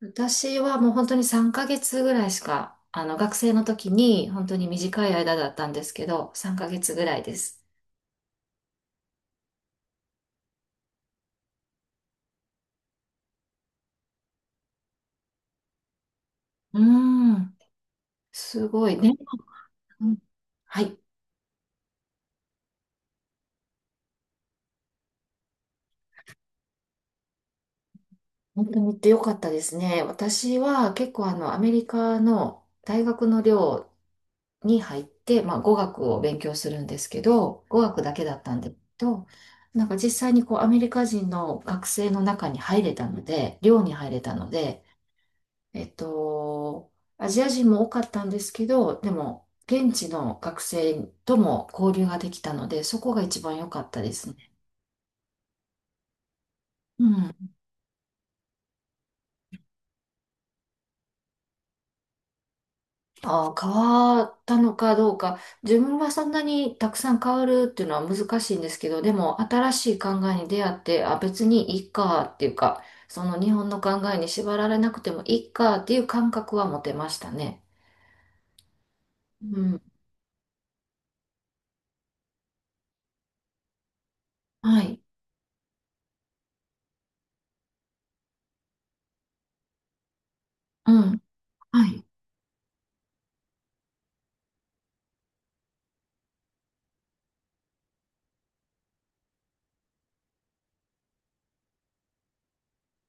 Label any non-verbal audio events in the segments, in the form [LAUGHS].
私はもう本当に3ヶ月ぐらいしか、学生の時に本当に短い間だったんですけど、3ヶ月ぐらいです。うーん、すごいね。うん。はい。本当に行ってよかったですね。私は結構アメリカの大学の寮に入って、まあ、語学を勉強するんですけど、語学だけだったんですけど、なんか実際にこうアメリカ人の学生の中に入れたので、寮に入れたので、えっと、アジア人も多かったんですけど、でも、現地の学生とも交流ができたので、そこが一番良かったですね。うん。あー、変わったのかどうか、自分はそんなにたくさん変わるっていうのは難しいんですけど、でも、新しい考えに出会って、あ、別にいいかっていうか、その日本の考えに縛られなくてもいいかっていう感覚は持てましたね。うん。はい。うん。はい。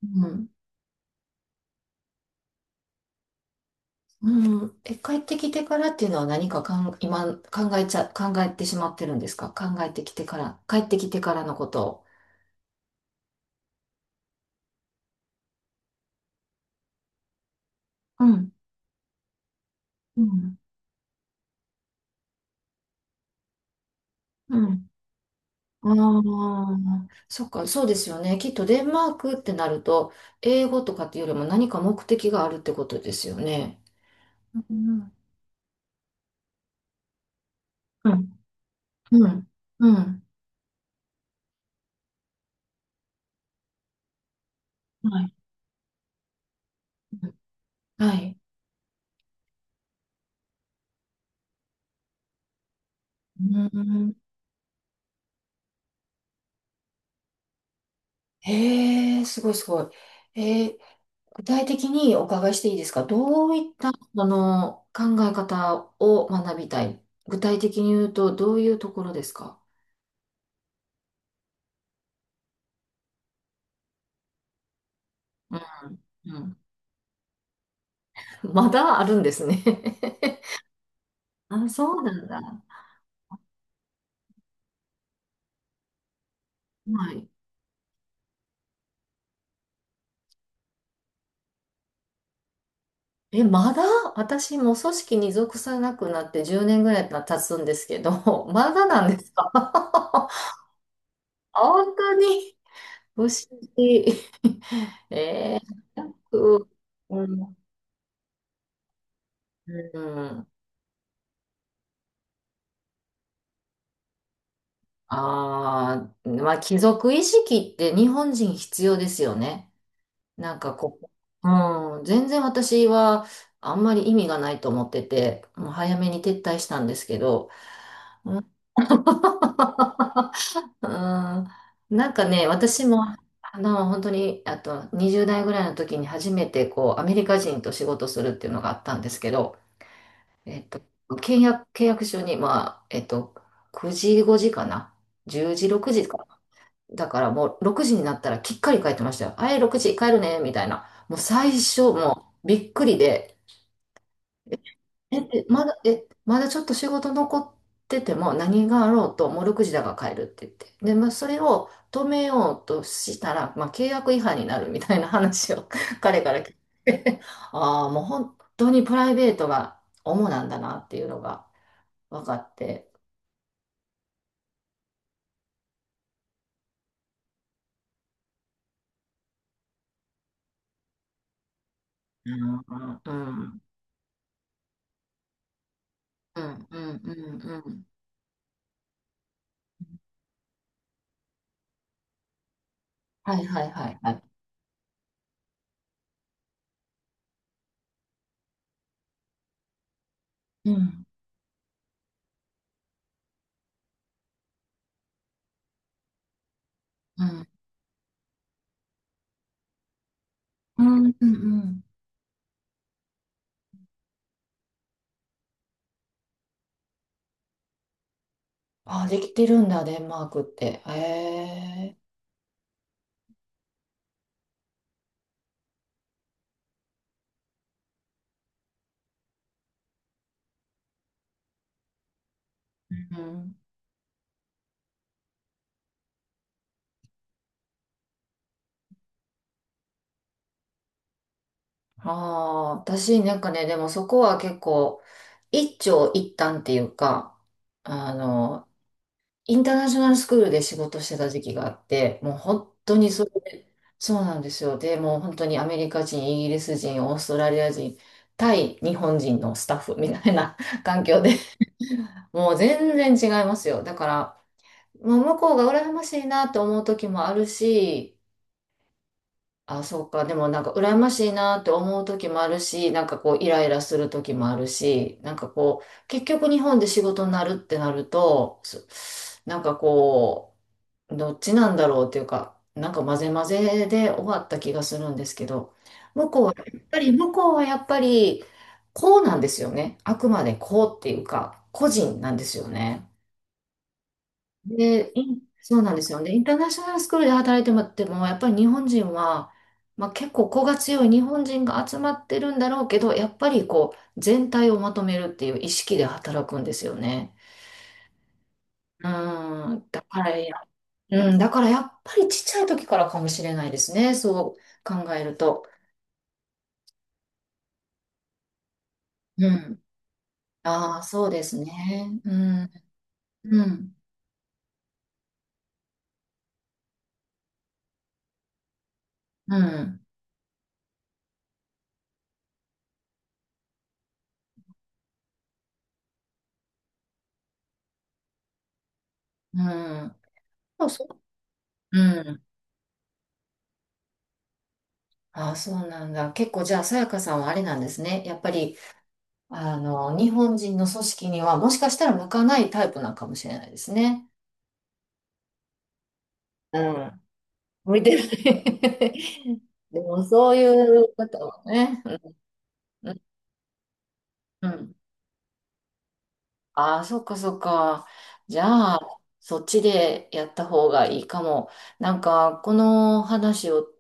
うん。うん。え、帰ってきてからっていうのは何か今考えてしまってるんですか？考えてきてから、帰ってきてからのことを。うん。うん。うん。ああ、そっか、そうですよね。きっとデンマークってなると、英語とかっていうよりも何か目的があるってことですよね。うん。うん。うん。うん。はい。はい。うん。へえ、すごいすごい。えー具体的にお伺いしていいですか？どういった、考え方を学びたい、具体的に言うと、どういうところですか？うん、うん。まだあるんですね。 [LAUGHS] あ、そうなんだ。はい。え、まだ私も組織に属さなくなって10年ぐらい経つんですけど、[LAUGHS] まだなんですか？ [LAUGHS] 本当に不思議。[LAUGHS] えー、早くうん、うん。ああ、まあ、貴族意識って日本人必要ですよね。なんかこう、うん、全然私はあんまり意味がないと思ってて、もう早めに撤退したんですけど、うん、[LAUGHS] うん。なんかね、私も、本当に、あと20代ぐらいの時に初めてこう、アメリカ人と仕事するっていうのがあったんですけど、えっと、契約書に、まあ、9時5時かな、10時6時か。だからもう6時になったらきっかり帰ってましたよ。あい、6時帰るね、みたいな。もう最初、もうびっくりで、え、えまだ、え、まだちょっと仕事残ってても何があろうと、もう6時だから帰るって言って。で、まあ、それを止めようとしたら、まあ、契約違反になるみたいな話を [LAUGHS] 彼から聞いて、[LAUGHS] ああ、もう本当にプライベートが主なんだなっていうのが分かって。うん、うん、うん、うん、うん、うん。はいはいはいはい。うん、うん。うん、うん、うん。あ、できてるんだ、デンマークって。へえ。うん。ああ、私なんかね、でもそこは結構、一長一短っていうか、あの、インターナショナルスクールで仕事してた時期があって、もう本当にそれで、そうなんですよ。で、もう本当にアメリカ人、イギリス人、オーストラリア人、対日本人のスタッフみたいな [LAUGHS] 環境で、もう全然違いますよ。だから、もう向こうが羨ましいなと思う時もあるし、あ、そうか。でもなんか羨ましいなって思う時もあるし、なんかこうイライラする時もあるし、なんかこう、結局日本で仕事になるってなると、なんかこう、どっちなんだろうっていうか、なんか混ぜ混ぜで終わった気がするんですけど、向こうはやっぱり、こうなんですよね。あくまでこうっていうか、個人なんですよね。で、そうなんですよね。インターナショナルスクールで働いてもらっても、やっぱり日本人は、まあ、結構子が強い日本人が集まってるんだろうけど、やっぱりこう、全体をまとめるっていう意識で働くんですよね。うん、だからや、うん、だからやっぱりちっちゃい時からかもしれないですね。そう考えると。うん。ああ、そうですね。うん、うん、うん、うん。そうそう。うん。ああ、そうなんだ。結構じゃあ、さやかさんはあれなんですね。やっぱり日本人の組織にはもしかしたら向かないタイプなのかもしれないですね。うん、向いてない。 [LAUGHS] でもそういう方はね。うん。うん。ああ、そっかそっか。じゃあ、そっちでやった方がいいかも。なんか、この話を、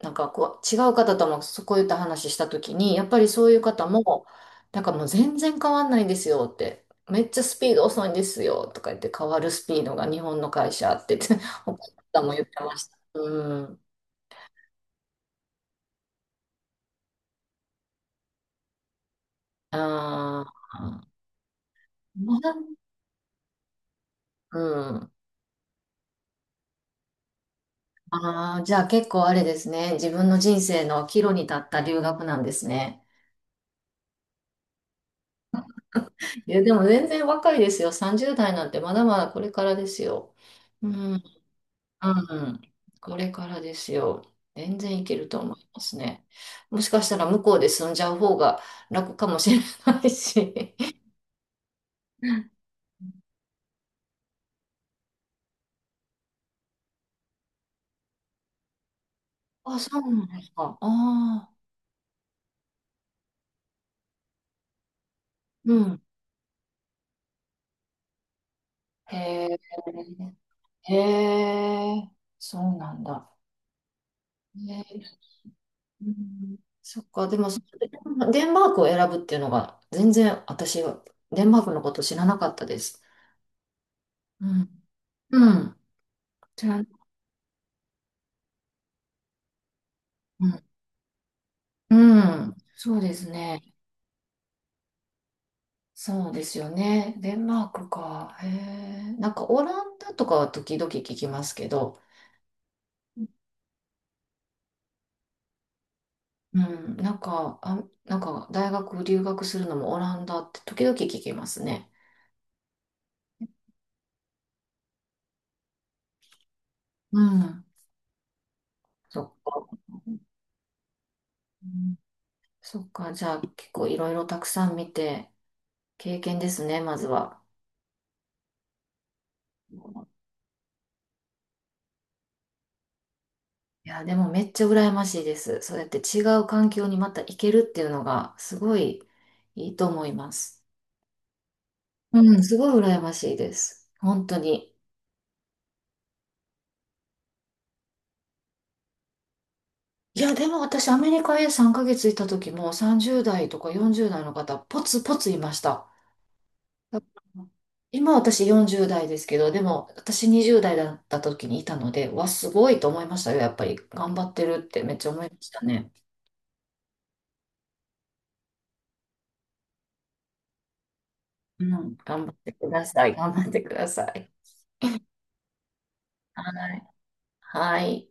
なんかこう、違う方ともこういった話したときに、やっぱりそういう方も、なんかもう全然変わんないんですよって。めっちゃスピード遅いんですよとか言って、変わるスピードが日本の会社って言って、他の方も言ってました。うん。ああ、まだうん。ああ、じゃあ結構あれですね。自分の人生の岐路に立った留学なんですね。いや、でも全然若いですよ。30代なんてまだまだこれからですよ。うん、うん、これからですよ。全然いけると思いますね。もしかしたら向こうで住んじゃう方が楽かもしれないし。[LAUGHS] あ、そうなんですか。ああ、うん。へえ、へえ、そうなんだ。ね。うん、そっか、でもデンマークを選ぶっていうのが全然私はデンマークのこと知らなかったです。うん。うん。じゃあ、うん、うん、そうですね。そうですよね。デンマークか。へえ。なんかオランダとかは時々聞きますけど、うん、なんか、あ、なんか大学留学するのもオランダって時々聞きますね。うん。そっか。うん、そっか。じゃあ結構いろいろたくさん見て、経験ですね、まずは。いや、でもめっちゃ羨ましいです。そうやって違う環境にまた行けるっていうのがすごいいいと思います。うん、すごい羨ましいです。本当に。いや、でも私、アメリカへ3ヶ月いた時も30代とか40代の方、ポツポツいました。だから今私40代ですけど、でも私20代だった時にいたので、わ、すごいと思いましたよ。やっぱり頑張ってるってめっちゃ思いましたね。うん、頑張ってください。頑張ってください。はい。はい。